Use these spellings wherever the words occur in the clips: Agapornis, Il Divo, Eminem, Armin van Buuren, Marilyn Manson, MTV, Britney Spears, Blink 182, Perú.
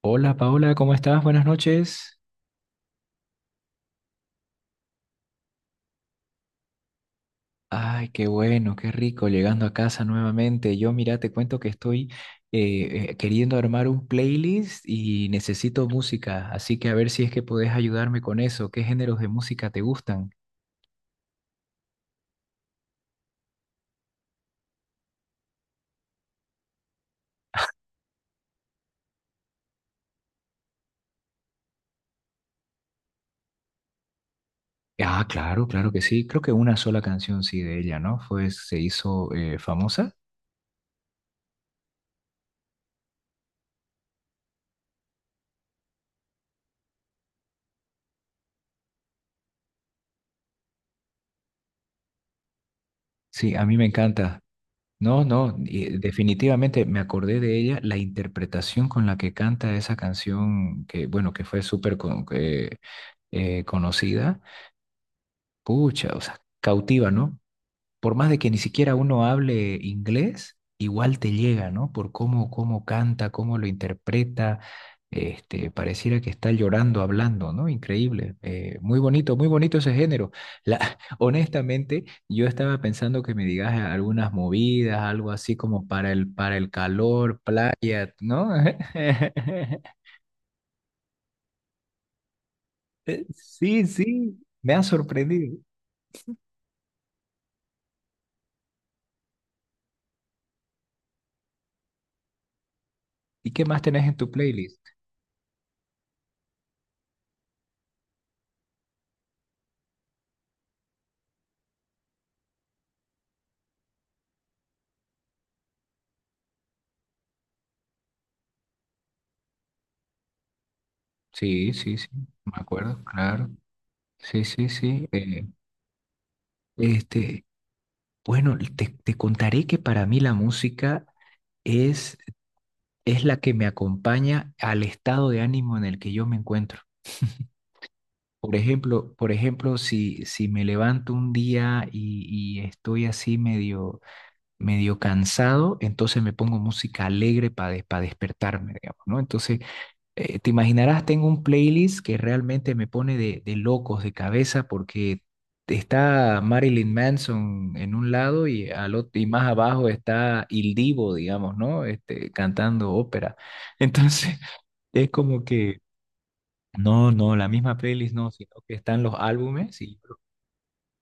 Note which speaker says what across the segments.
Speaker 1: Hola Paola, ¿cómo estás? Buenas noches. Ay, qué bueno, qué rico, llegando a casa nuevamente. Yo, mira, te cuento que estoy queriendo armar un playlist y necesito música, así que a ver si es que podés ayudarme con eso. ¿Qué géneros de música te gustan? Ah, claro, claro que sí. Creo que una sola canción sí de ella, ¿no? Se hizo famosa. Sí, a mí me encanta. No, no, y definitivamente me acordé de ella, la interpretación con la que canta esa canción, que bueno, que fue súper conocida, pucha, o sea, cautiva, ¿no? Por más de que ni siquiera uno hable inglés, igual te llega, ¿no? Por cómo, cómo canta, cómo lo interpreta, este, pareciera que está llorando hablando, ¿no? Increíble, muy bonito ese género. La, honestamente, yo estaba pensando que me digas algunas movidas, algo así como para el calor, playa, ¿no? Sí, sí, me ha sorprendido. ¿Y qué más tenés en tu playlist? Sí, sí, sí, me acuerdo, claro. Sí, sí, sí. Este, bueno, te contaré que para mí la música es, es la que me acompaña al estado de ánimo en el que yo me encuentro. Por ejemplo, si me levanto un día y estoy así medio cansado, entonces me pongo música alegre para despertarme, digamos, ¿no? Entonces, eh, te imaginarás, tengo un playlist que realmente me pone de locos de cabeza porque está Marilyn Manson en un lado y más abajo está Il Divo, digamos, ¿no? Este, cantando ópera. Entonces, es como que, no, no, la misma playlist no, sino que están los álbumes y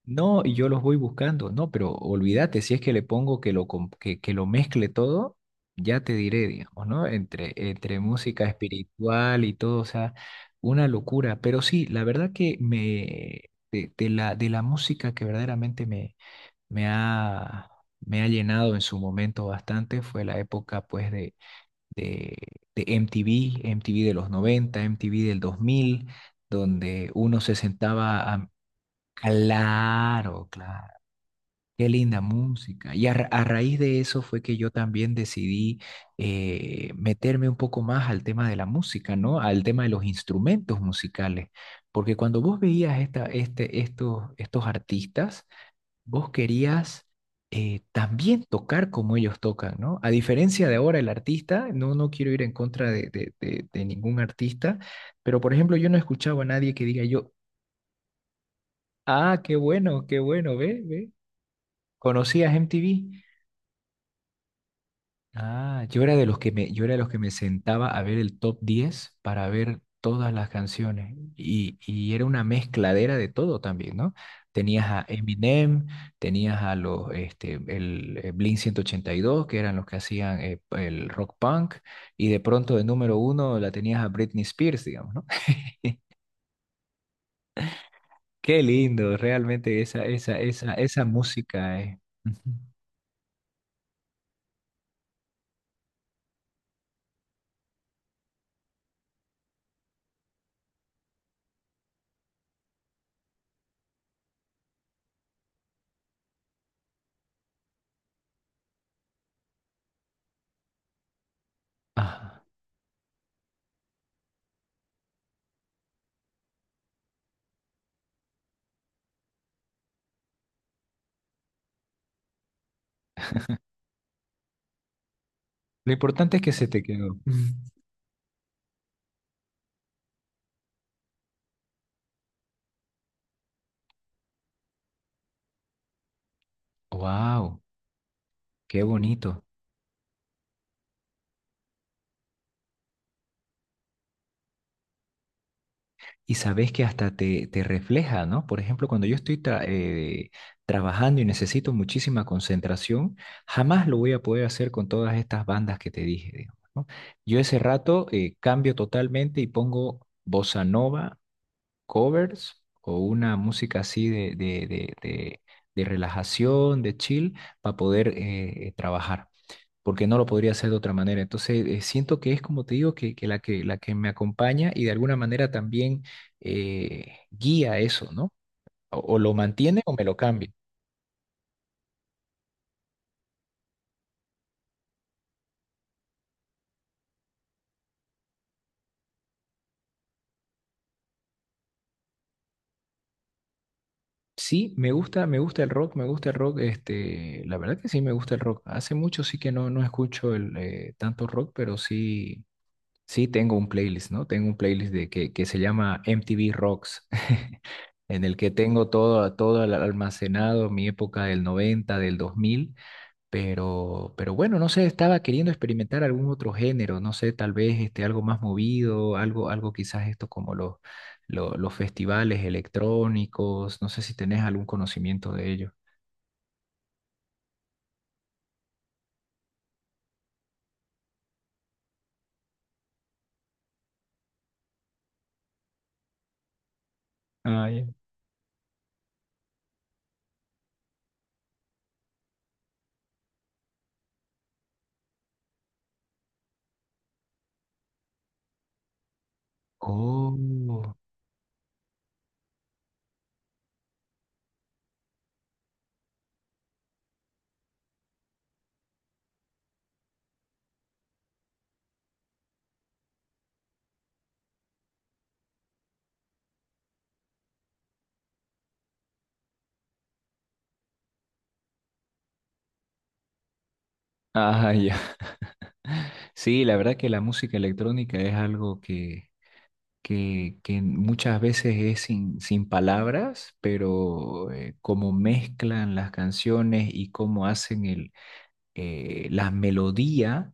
Speaker 1: no, y yo los voy buscando, no, pero olvídate, si es que le pongo que lo mezcle todo, ya te diré, digamos, ¿no? Entre música espiritual y todo, o sea, una locura. Pero sí, la verdad que me, de la música que verdaderamente me ha, me ha llenado en su momento bastante fue la época, pues, de, de MTV, MTV de los 90, MTV del 2000 donde uno se sentaba a... Claro, claro. Qué linda música. Y a raíz de eso fue que yo también decidí meterme un poco más al tema de la música, ¿no? Al tema de los instrumentos musicales. Porque cuando vos veías esta, este, estos, estos artistas, vos querías también tocar como ellos tocan, ¿no? A diferencia de ahora el artista, no, no quiero ir en contra de ningún artista, pero por ejemplo yo no escuchaba a nadie que diga yo, ah, qué bueno, ve, ve, conocías MTV. Ah, yo era de los que me sentaba a ver el top 10 para ver todas las canciones. Y era una mezcladera de todo también, ¿no? Tenías a Eminem, tenías a los, este, Blink 182, que eran los que hacían el rock punk, y de pronto de número uno la tenías a Britney Spears, digamos, ¿no? Qué lindo, realmente esa, esa, esa, esa música, eh. Ujú. Ah, lo importante es que se te quedó. Wow, qué bonito. Y sabes que hasta te, te refleja, ¿no? Por ejemplo, cuando yo estoy trabajando y necesito muchísima concentración, jamás lo voy a poder hacer con todas estas bandas que te dije, digamos, ¿no? Yo ese rato cambio totalmente y pongo bossa nova covers o una música así de relajación, de chill, para poder trabajar, porque no lo podría hacer de otra manera. Entonces, siento que es como te digo, que la que, la que me acompaña y de alguna manera también guía eso, ¿no? O lo mantiene o me lo cambia. Sí, me gusta el rock, este, la verdad que sí me gusta el rock. Hace mucho sí que no escucho tanto rock, pero sí, sí, tengo un playlist, ¿no? Tengo un playlist de que se llama MTV Rocks, en el que tengo todo, todo almacenado, mi época del 90, del 2000, pero bueno, no sé, estaba queriendo experimentar algún otro género, no sé, tal vez este, algo más movido, algo, algo quizás esto como los, los festivales electrónicos, no sé si tenés algún conocimiento de ello. Ah, ya. Oh, ah, ya. Sí, la verdad que la música electrónica es algo que muchas veces es sin palabras, pero cómo mezclan las canciones y cómo hacen la melodía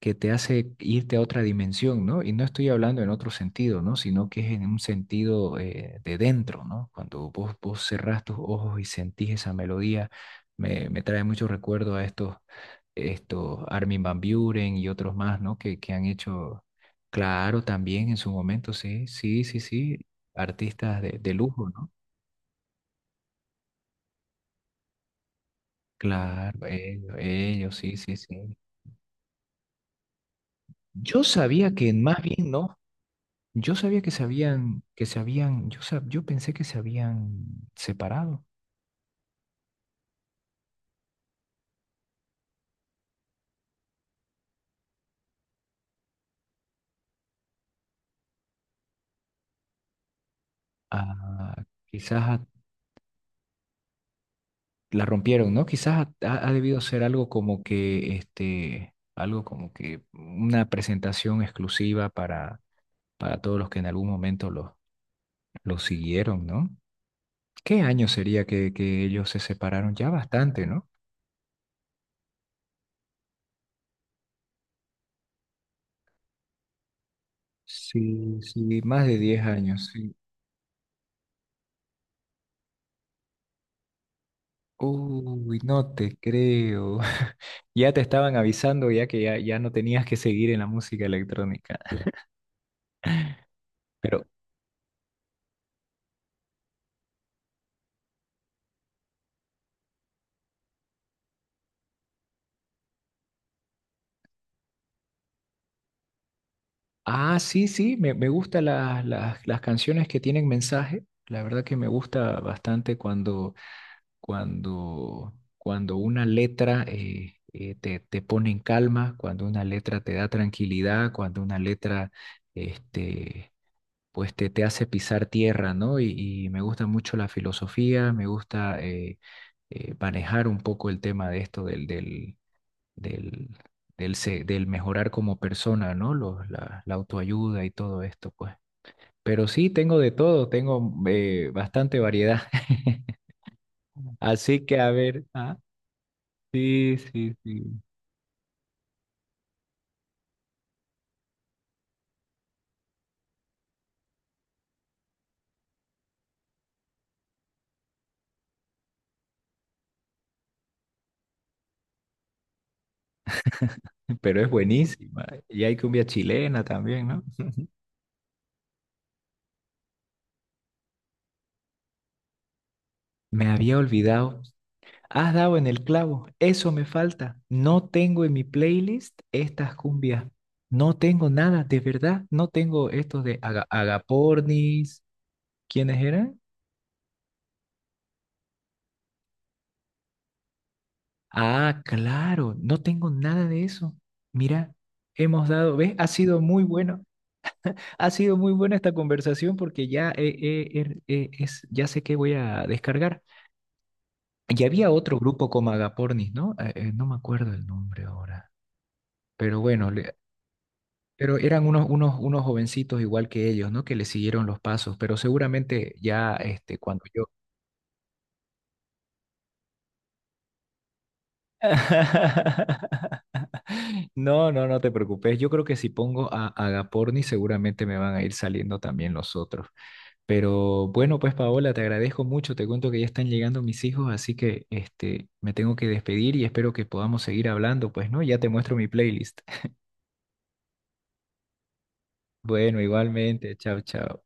Speaker 1: que te hace irte a otra dimensión, ¿no? Y no estoy hablando en otro sentido, ¿no? Sino que es en un sentido de dentro, ¿no? Cuando vos, vos cerrás tus ojos y sentís esa melodía, me trae mucho recuerdo a estos Armin van Buuren y otros más, ¿no? Que han hecho, claro, también en su momento, sí, sí, sí, sí, artistas de lujo, ¿no? Claro, ellos, sí, sí, sí. Yo sabía que más bien no. Yo sabía que yo pensé que se habían separado. Ah, quizás a- la rompieron, ¿no? Quizás ha debido ser algo como que, este, algo como que una presentación exclusiva para todos los que en algún momento los lo siguieron, ¿no? ¿Qué año sería que ellos se separaron? Ya bastante, ¿no? Sí, sí, más de 10 años, sí. Uy, no te creo. Ya te estaban avisando ya que ya, ya no tenías que seguir en la música electrónica. Pero, ah, sí, sí, me gustan las canciones que tienen mensaje. La verdad que me gusta bastante cuando, cuando, cuando una letra te, te pone en calma, cuando una letra te da tranquilidad, cuando una letra este, pues te hace pisar tierra, ¿no? Y me gusta mucho la filosofía, me gusta manejar un poco el tema de esto del, del, del, del mejorar como persona, ¿no? Los- la autoayuda y todo esto, pues. Pero sí, tengo de todo, tengo bastante variedad. Así que a ver, ah, sí, sí, sí, pero es buenísima. Y hay cumbia chilena también, ¿no? Me había olvidado. Has dado en el clavo, eso me falta. No tengo en mi playlist estas cumbias. No tengo nada, de verdad. No tengo estos de Aga- Agapornis. ¿Quiénes eran? Ah, claro, no tengo nada de eso. Mira, hemos dado, ¿ves? Ha sido muy bueno. Ha sido muy buena esta conversación porque ya, ya sé que voy a descargar. Y había otro grupo como Agapornis, ¿no? No me acuerdo el nombre ahora. Pero bueno. Pero eran unos jovencitos igual que ellos, ¿no? Que le siguieron los pasos, pero seguramente ya este, cuando yo... No, no, no te preocupes. Yo creo que si pongo a Agaporni seguramente me van a ir saliendo también los otros. Pero bueno, pues Paola, te agradezco mucho. Te cuento que ya están llegando mis hijos, así que este, me tengo que despedir y espero que podamos seguir hablando, pues, ¿no? Ya te muestro mi playlist. Bueno, igualmente. Chao, chao.